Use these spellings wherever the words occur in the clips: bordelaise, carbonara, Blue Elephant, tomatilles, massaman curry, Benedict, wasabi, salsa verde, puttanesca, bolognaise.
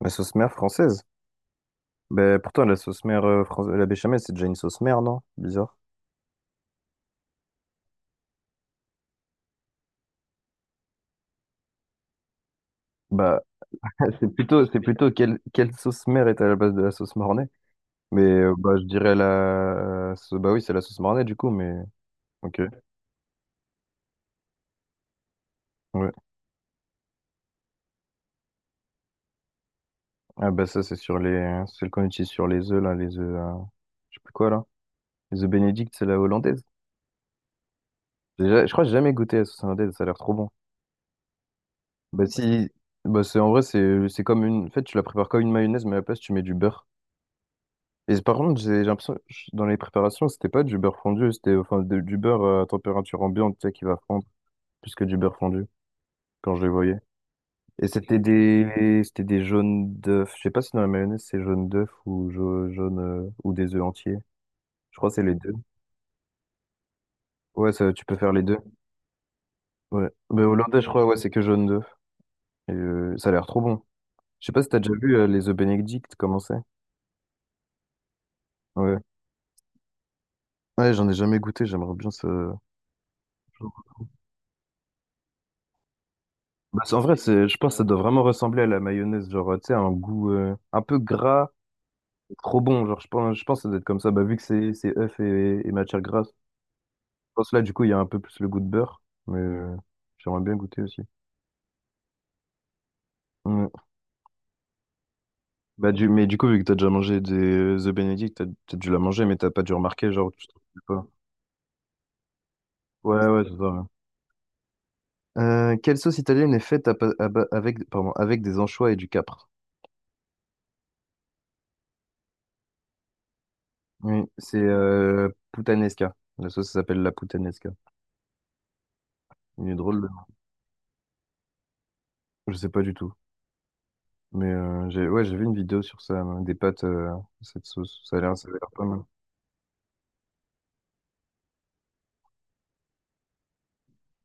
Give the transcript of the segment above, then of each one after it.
La sauce mère française? Ben, pourtant, la sauce mère française, la béchamel, c'est déjà une sauce mère, non? Bizarre. Bah, c'est plutôt quelle sauce mère est à la base de la sauce mornay? Mais bah, je dirais bah oui, c'est la sauce mornay du coup, mais. Ok. Ouais. Ah bah ça, c'est sur les. C'est le qu'on utilise sur les œufs, là, les œufs. Je sais plus quoi, là. Les œufs bénédicts, c'est la hollandaise. Je crois que j'ai jamais goûté la sauce hollandaise, ça a l'air trop bon. Bah si. Bah c'est en vrai, c'est comme une. En fait, tu la prépares comme une mayonnaise, mais à la place, tu mets du beurre. Et par contre, j'ai l'impression, dans les préparations, c'était pas du beurre fondu, c'était enfin du beurre à température ambiante, tu sais, qui va fondre, plus que du beurre fondu, quand je les voyais. Et c'était des jaunes d'œufs. Je sais pas si dans la mayonnaise, c'est jaune d'œuf ou jaune, ou des œufs entiers. Je crois que c'est les deux. Ouais, ça, tu peux faire les deux. Ouais. Mais hollandais, je crois, ouais, c'est que jaune d'œuf. Et ça a l'air trop bon. Je sais pas si t'as déjà vu les œufs Benedict, comment c'est? Ouais. Ouais, j'en ai jamais goûté, j'aimerais bien ça. Bah, en vrai, c'est, je pense que ça doit vraiment ressembler à la mayonnaise, genre, tu sais, un goût un peu gras, trop bon, genre, je pense que ça doit être comme ça, bah, vu que c'est œuf et matière grasse. Je pense que là, du coup, il y a un peu plus le goût de beurre, mais j'aimerais bien goûter aussi. Ouais. Bah, mais du coup, vu que t'as déjà mangé des The Benedict, t'as dû la manger, mais t'as pas dû remarquer, genre, tu trouves pas. Ouais, ouais, c'est ça, ouais. Quelle sauce italienne est faite avec, pardon, avec des anchois et du capre? Oui, c'est puttanesca. La sauce s'appelle la puttanesca. Il est drôle. Je sais pas du tout. Mais j'ai ouais, j'ai vu une vidéo sur ça, des pâtes, cette sauce. Ça a l'air pas mal.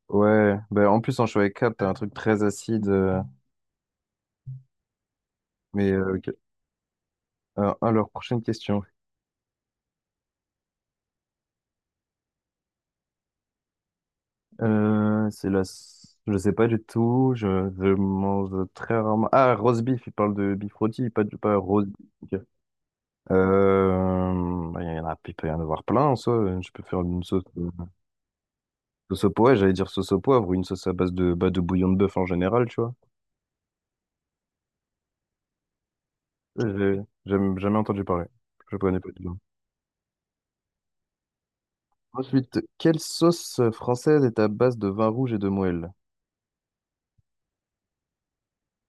Ouais, bah, en plus en choix 4, t'as un truc très acide, ok. Alors, prochaine question. C'est la... Je sais pas du tout. Je mange très rarement. Ah, roast beef, il parle de beef rôti, pas de pas roast beef, ok. Bah, il y en a, il peut y en avoir plein en soi. Je peux faire une sauce, sauce au poivre, j'allais dire sauce au poivre ou une sauce à base de, bah, de bouillon de bœuf en général, tu vois. J'ai jamais entendu parler. Je connais pas du tout. Ensuite, quelle sauce française est à base de vin rouge et de moelle?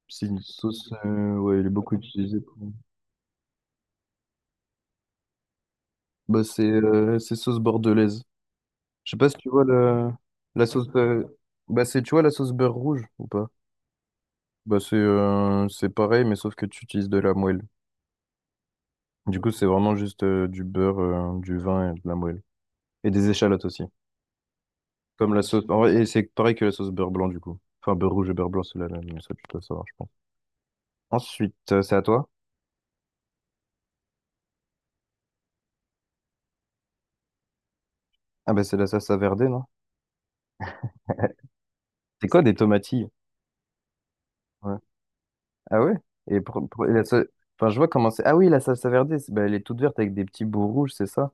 C'est une sauce, ouais, elle est beaucoup utilisée pour. Bah, c'est sauce bordelaise. Je sais pas si tu vois le... la sauce. Bah, c'est, tu vois la sauce beurre rouge ou pas? Bah, c'est pareil, mais sauf que tu utilises de la moelle. Du coup, c'est vraiment juste du beurre, du vin et de la moelle. Et des échalotes aussi. Comme la sauce, en vrai, et c'est pareil que la sauce beurre blanc, du coup. Enfin, beurre rouge et beurre blanc, c'est la même, mais ça, tu dois savoir, je pense. Ensuite, c'est à toi. Ah bah c'est la salsa verde, non? C'est quoi des tomatilles? Ouais. Ah ouais? Et et enfin, je vois comment c'est. Ah oui, la salsa verde, bah, elle est toute verte avec des petits bouts rouges, c'est ça?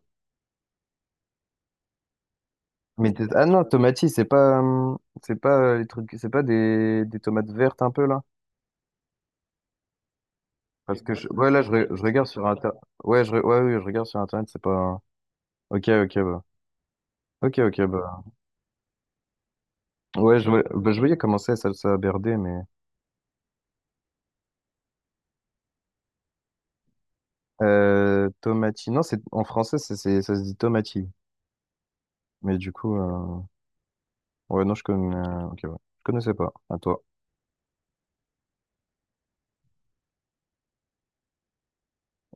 Mais ah non, tomatilles, c'est pas les trucs, c'est pas des tomates vertes un peu là? Parce que ouais là, je regarde sur internet. Ouais, ouais, oui, je regarde sur internet, c'est pas. Ok, ok, bah. Ok, ok, bah. Ouais, bah, je voyais comment c'est salsa verde, mais tomatilles. Non, c'est en français, ça se dit tomatilles. Mais du coup. Ouais, non, je connais. Ok, ouais. Je connaissais pas. À toi.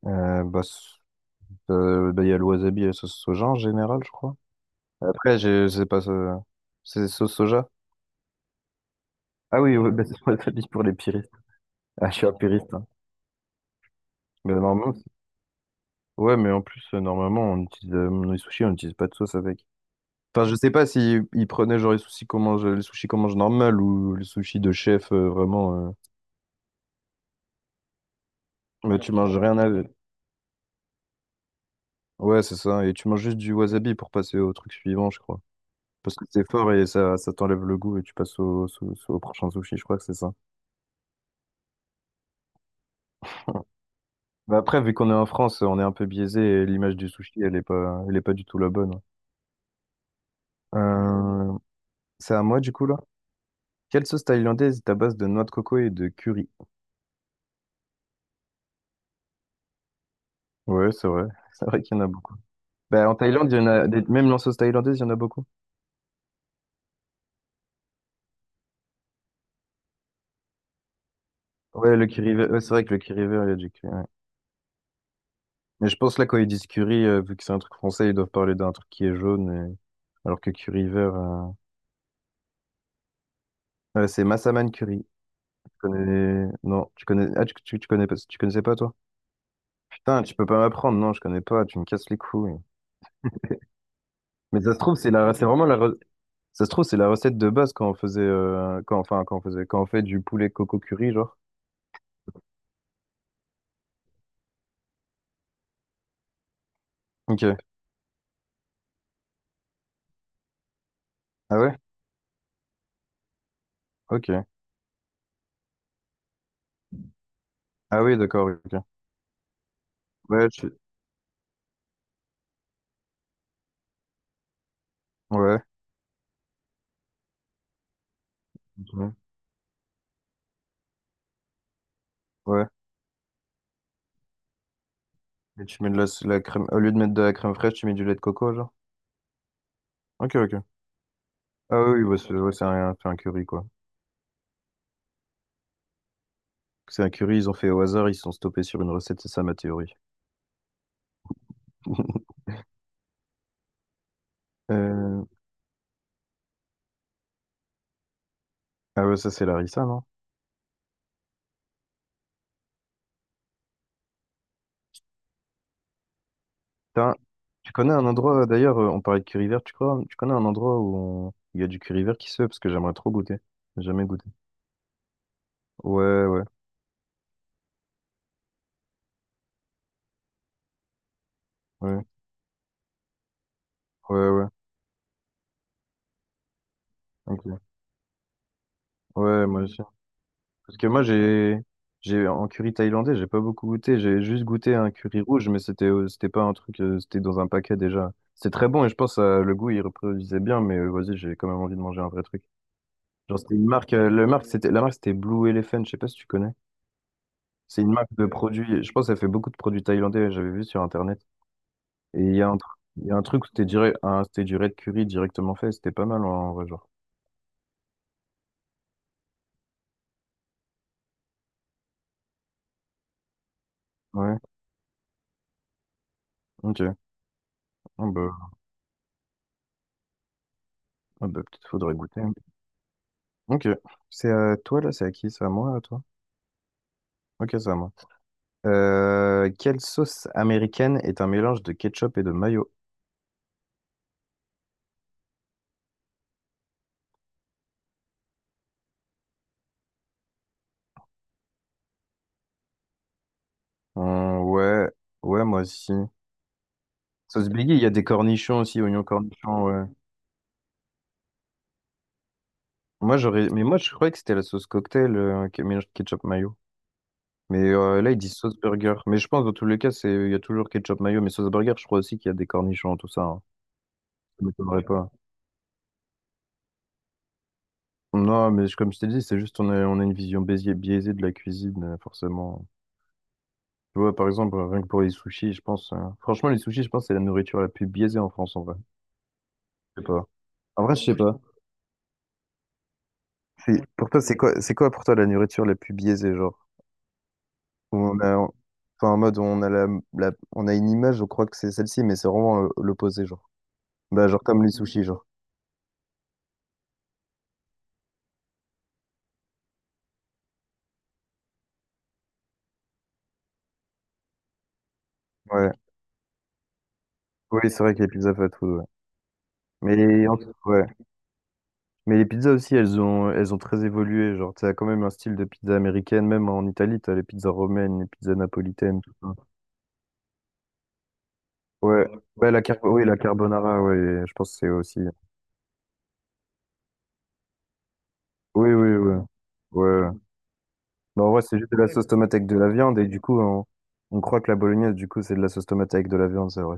Bah, bah, il y a le wasabi et la sauce soja en général, je crois. Après, je sais pas. C'est sauce soja? Ah oui, ouais, bah, c'est le wasabi pour les puristes. Ah, je suis un puriste, hein. Mais normalement, ouais, mais en plus, normalement, on utilise, dans les sushis, on n'utilise pas de sauce avec. Enfin, je sais pas si ils prenaient genre les sushis qu'on mange, les sushis qu'on mange normal ou les sushis de chef, vraiment. Mais tu manges rien avec. Ouais, c'est ça. Et tu manges juste du wasabi pour passer au truc suivant, je crois. Parce que c'est fort et ça t'enlève le goût et tu passes au prochain sushi, je crois que c'est ça. Bah après, vu qu'on est en France, on est un peu biaisé et l'image du sushi, elle est pas du tout la bonne. Euh, c'est à moi du coup là. Quelle sauce thaïlandaise est à base de noix de coco et de curry? Ouais, c'est vrai. C'est vrai qu'il y en a beaucoup. Bah, en Thaïlande, il y en a même en sauce thaïlandaise, il y en a beaucoup. Ouais, le curry vert, ouais, c'est vrai que le curry vert, il y a du curry, ouais. Mais je pense là, quand ils disent curry, vu que c'est un truc français, ils doivent parler d'un truc qui est jaune, alors que curry vert, ouais, c'est massaman curry. Connais... Non, tu connais... Ah, tu connais pas... tu connaissais pas, toi? Putain, tu peux pas m'apprendre. Non, je connais pas. Tu me casses les couilles. Mais ça se trouve, c'est la... c'est vraiment la... ça se trouve, c'est la recette de base quand on faisait... quand... enfin, quand on faisait... quand on fait du poulet coco curry, genre. Ok. Ah ouais? Ok. Ah oui, d'accord, ok. Ouais, tu... Ouais, ok, ouais. Et tu mets de la crème... Au lieu de mettre de la crème fraîche, tu mets du lait de coco, genre? Ok, ok. Ah oui, bah, c'est ouais, c'est un curry, quoi. C'est un curry, ils ont fait au hasard, ils se sont stoppés sur une recette, c'est ça ma théorie. Euh, Ah ouais, ça c'est Larissa, non? T'as un- Tu connais un endroit, d'ailleurs, on parlait de curry vert, tu crois? Tu connais un endroit où il y a du curry vert qui se fait parce que j'aimerais trop goûter. J'ai jamais goûté. Ouais, ouais, ouais, ouais, ouais, ok. Ouais, moi aussi. Parce que moi j'ai en curry thaïlandais, j'ai pas beaucoup goûté, j'ai juste goûté un curry rouge, mais c'était pas un truc, c'était dans un paquet déjà. C'était très bon et je pense le goût il reproduisait bien, mais vas-y, j'ai quand même envie de manger un vrai truc. Genre c'était une marque, le marque c'était la marque c'était Blue Elephant, je sais pas si tu connais. C'est une marque de produits. Je pense qu'elle fait beaucoup de produits thaïlandais, j'avais vu sur Internet. Et il y a un truc, où c'était direct, c'était du red curry directement fait. C'était pas mal en vrai, genre. Ouais, ok. Ah bah, ah bah, peut-être faudrait goûter. Ok. C'est à toi là, c'est à qui? C'est à moi, à toi? Ok, c'est à moi. Quelle sauce américaine est un mélange de ketchup et de mayo? Ouais, ouais, moi aussi. Sauce Biggie, il y a des cornichons aussi, oignons cornichons, ouais. Moi, j'aurais, mais moi, je croyais que c'était la sauce cocktail, qui mélange ketchup mayo. Mais là, ils disent sauce burger. Mais je pense, dans tous les cas, c'est il y a toujours ketchup mayo. Mais sauce burger, je crois aussi qu'il y a des cornichons, tout ça, hein. Ça m'étonnerait ok pas. Non, mais comme je t'ai dit, c'est juste on a une vision biaisée de la cuisine, forcément. Tu vois, par exemple, rien que pour les sushis, je pense, franchement, les sushis, je pense, c'est la nourriture la plus biaisée en France, en vrai. Je sais pas. En vrai, je sais pas. Pour toi, c'est quoi pour toi la nourriture la plus biaisée, genre? Où on a, enfin, en mode, on a on a une image, je crois que c'est celle-ci, mais c'est vraiment l'opposé, genre. Bah, genre comme les sushis, genre. Ouais. Oui, c'est vrai que les pizzas fast food, ouais. Mais, ouais. Mais les pizzas aussi, elles ont très évolué. Genre, t'as quand même un style de pizza américaine, même en Italie, t'as les pizzas romaines, les pizzas napolitaines, tout ça. Ouais, ouais, oui, la carbonara, ouais, je pense que c'est aussi. Oui, oui, oui, ouais. Ouais. Non, en vrai, c'est juste de la sauce tomate avec de la viande, et du coup, on croit que la bolognaise, du coup, c'est de la sauce tomate avec de la viande, c'est vrai.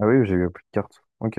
Ah oui, j'ai eu plus de cartes. Ok.